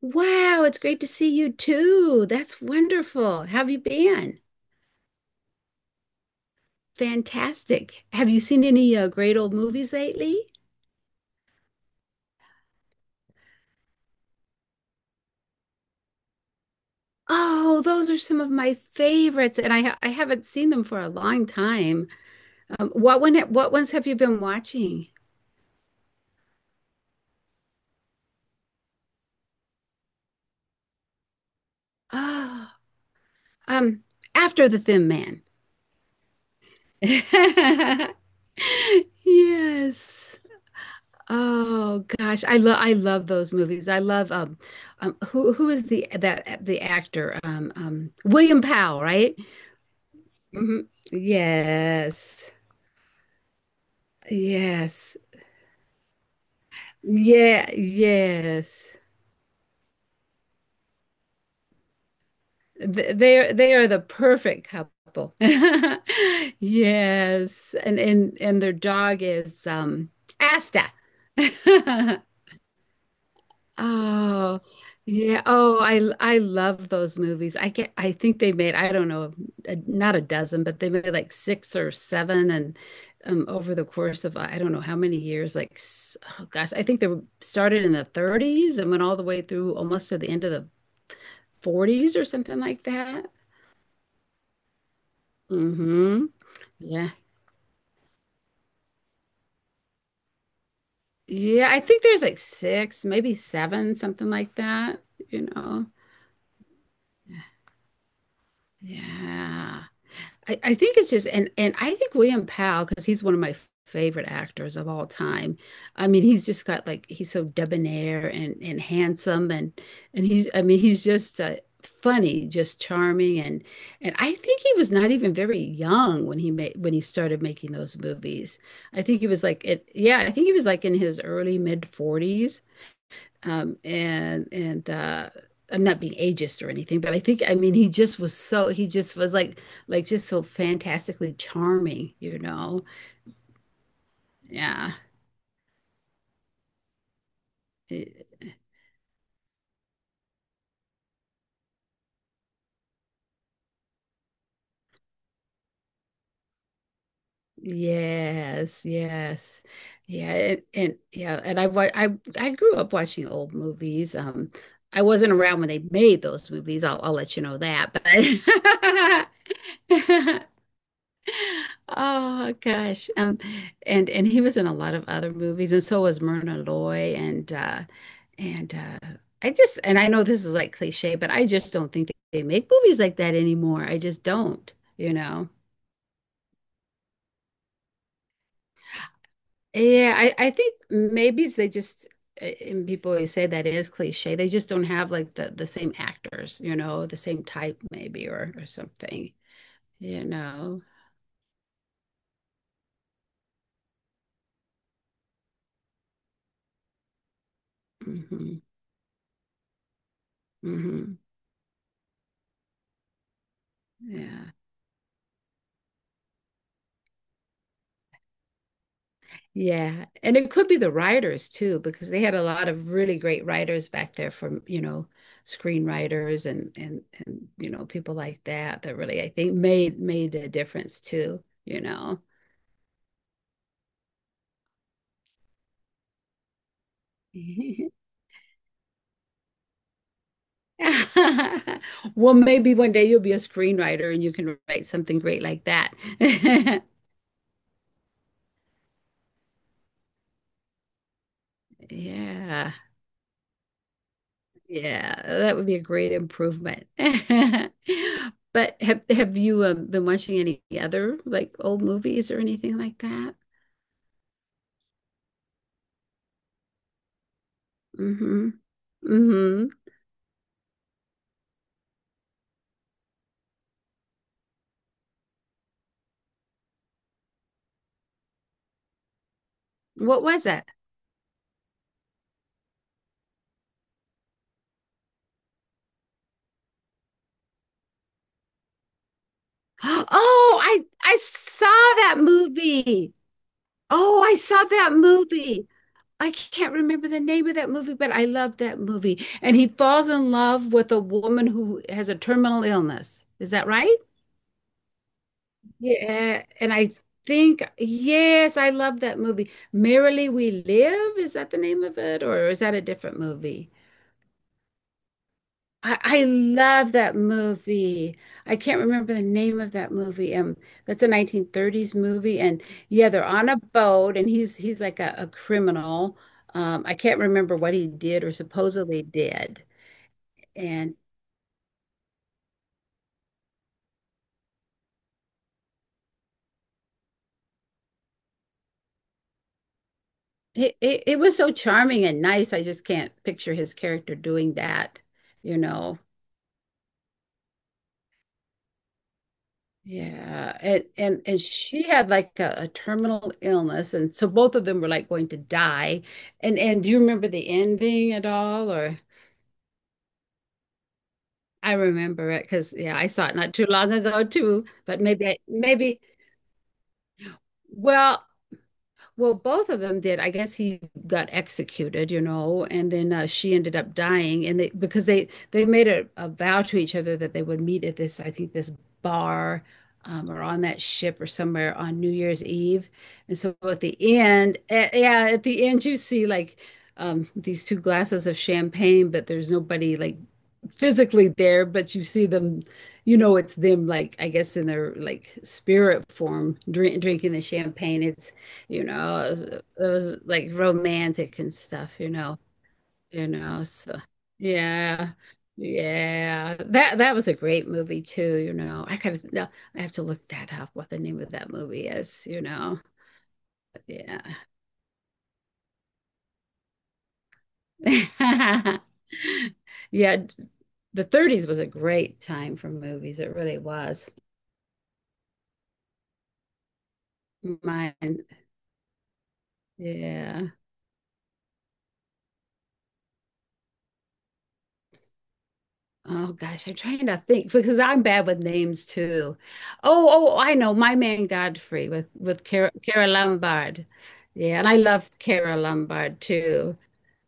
Wow, it's great to see you too. That's wonderful. How have you been? Fantastic. Have you seen any great old movies lately? Oh, those are some of my favorites, and I haven't seen them for a long time. What ones have you been watching? Oh, um, After the Thin Man. Yes. Oh gosh, I love those movies. I love who is the actor, William Powell, right? Hmm. Yes, yes, yeah, yes. They are the perfect couple. Yes, and their dog is Asta. Oh, yeah. Oh, I love those movies. I think they made, I don't know, not a dozen, but they made like six or seven and over the course of I don't know how many years, oh gosh, I think they were started in the 30s and went all the way through almost to the end of the 40s or something like that. Mm-hmm. Yeah. Yeah, I think there's like six, maybe seven, something like that, you know. Yeah. I think it's just and I think William Powell, because he's one of my favorite actors of all time. I mean, he's just got like he's so debonair and handsome and he's, I mean, he's just funny, just charming and I think he was not even very young when he started making those movies. I think he was like it yeah, I think he was like in his early mid 40s. And I'm not being ageist or anything, but I think, I mean, he just was like just so fantastically charming. Yeah. It- Yes, yes. Yeah, and yeah, and I wa- I grew up watching old movies. I wasn't around when they made those movies. I'll let you know that. But Oh gosh. And he was in a lot of other movies and so was Myrna Loy and uh and I know this is like cliche, but I just don't think they make movies like that anymore. I just don't. Yeah, I think maybe it's they just and people always say that is cliche. They just don't have like the same actors, the same type maybe or something, you know. Hmm. Hmm. Yeah. Yeah. And it could be the writers too, because they had a lot of really great writers back there from, screenwriters and people like that that really I think made a difference too. Well, maybe one day you'll be a screenwriter and you can write something great like that. Yeah. Yeah, that would be a great improvement. But have you been watching any other like old movies or anything like that? Hmm. Hmm. What was it? Oh, I saw that movie. Oh, I saw that movie. I can't remember the name of that movie, but I loved that movie. And he falls in love with a woman who has a terminal illness. Is that right? Yeah. And I think, yes, I love that movie. Merrily We Live, is that the name of it? Or is that a different movie? I love that movie. I can't remember the name of that movie. That's a 1930s movie, and yeah, they're on a boat, and he's like a criminal. I can't remember what he did or supposedly did, and it was so charming and nice. I just can't picture his character doing that, you know. Yeah, and she had like a terminal illness, and so both of them were like going to die. And do you remember the ending at all, or? I remember it because yeah, I saw it not too long ago too. But maybe well, well, both of them did. I guess he got executed, and then she ended up dying, and they because they made a vow to each other that they would meet at this, I think, this bar. Or on that ship or somewhere on New Year's Eve. And so at the end, yeah, you see like these two glasses of champagne, but there's nobody like physically there, but you see them, it's them like I guess in their like spirit form, drinking the champagne. It was like romantic and stuff. So yeah, yeah, that was a great movie too. I kind of no, I have to look that up, what the name of that movie is. Yeah, yeah. The 30s was a great time for movies. It really was. Mine, yeah. Oh gosh, I'm trying to think because I'm bad with names too. Oh, I know My Man Godfrey with Cara Lombard. Yeah, and I love Cara Lombard too.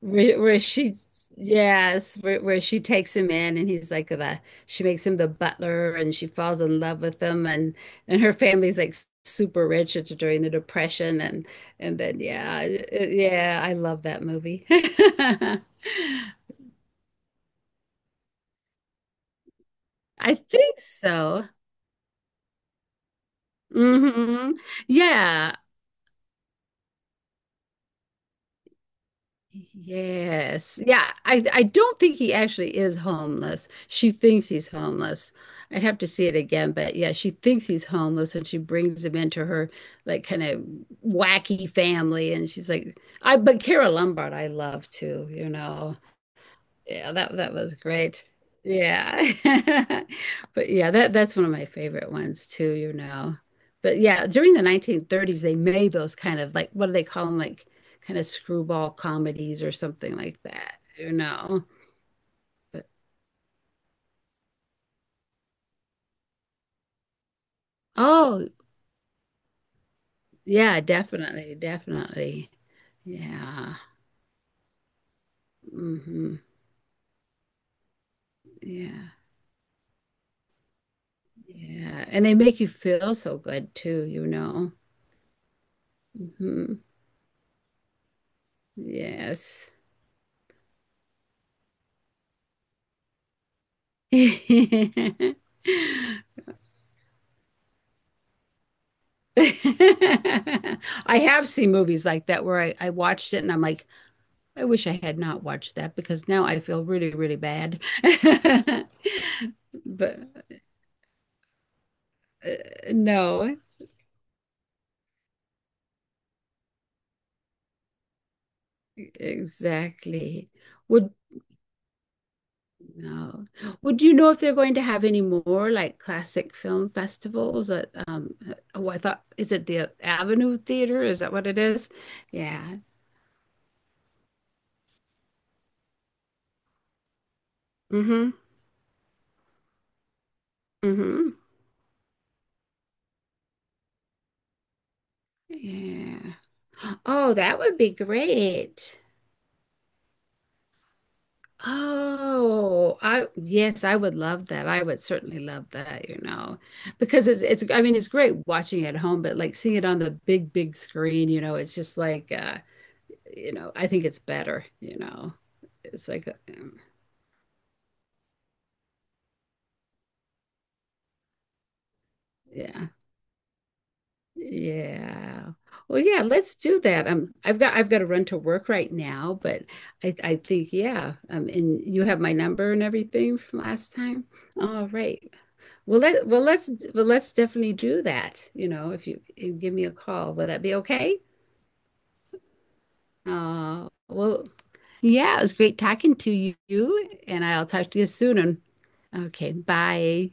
Where, where she, yes, where she takes him in, and he's like the she makes him the butler, and she falls in love with him, and her family's like super rich. It's during the Depression, and then yeah, yeah, I love that movie. I think so. Hmm. Yeah. Yes. Yeah. I don't think he actually is homeless. She thinks he's homeless. I'd have to see it again, but yeah, she thinks he's homeless and she brings him into her like kind of wacky family, and she's like I but Kara Lombard I love too. Yeah, that was great. Yeah. But yeah, that's one of my favorite ones too. But yeah, during the 1930s they made those kind of, like, what do they call them, like kind of screwball comedies or something like that. But oh, yeah, definitely, definitely. Yeah. Hmm. Yeah. Yeah. And they make you feel so good too. Hmm. Yes. I have seen movies like that where I watched it and I'm like, I wish I had not watched that because now I feel really, really bad. But uh, no, exactly. Would no. Would you know if they're going to have any more like classic film festivals, that um oh, I thought is it the Avenue Theater? Is that what it is? Yeah. Mm-hmm. Mm-hmm. Yeah. Oh, that would be great. Oh, I yes, I would love that. I would certainly love that, because it's, I mean, it's great watching at home, but like seeing it on the big, big screen, it's just like I think it's better. It's like um, yeah. Yeah. Well, yeah, let's do that. I've got to run to work right now, but I think, yeah. And you have my number and everything from last time. All right. Well, let's definitely do that. If you give me a call, will that be okay? Well, yeah, it was great talking to you, and I'll talk to you soon. Okay, bye.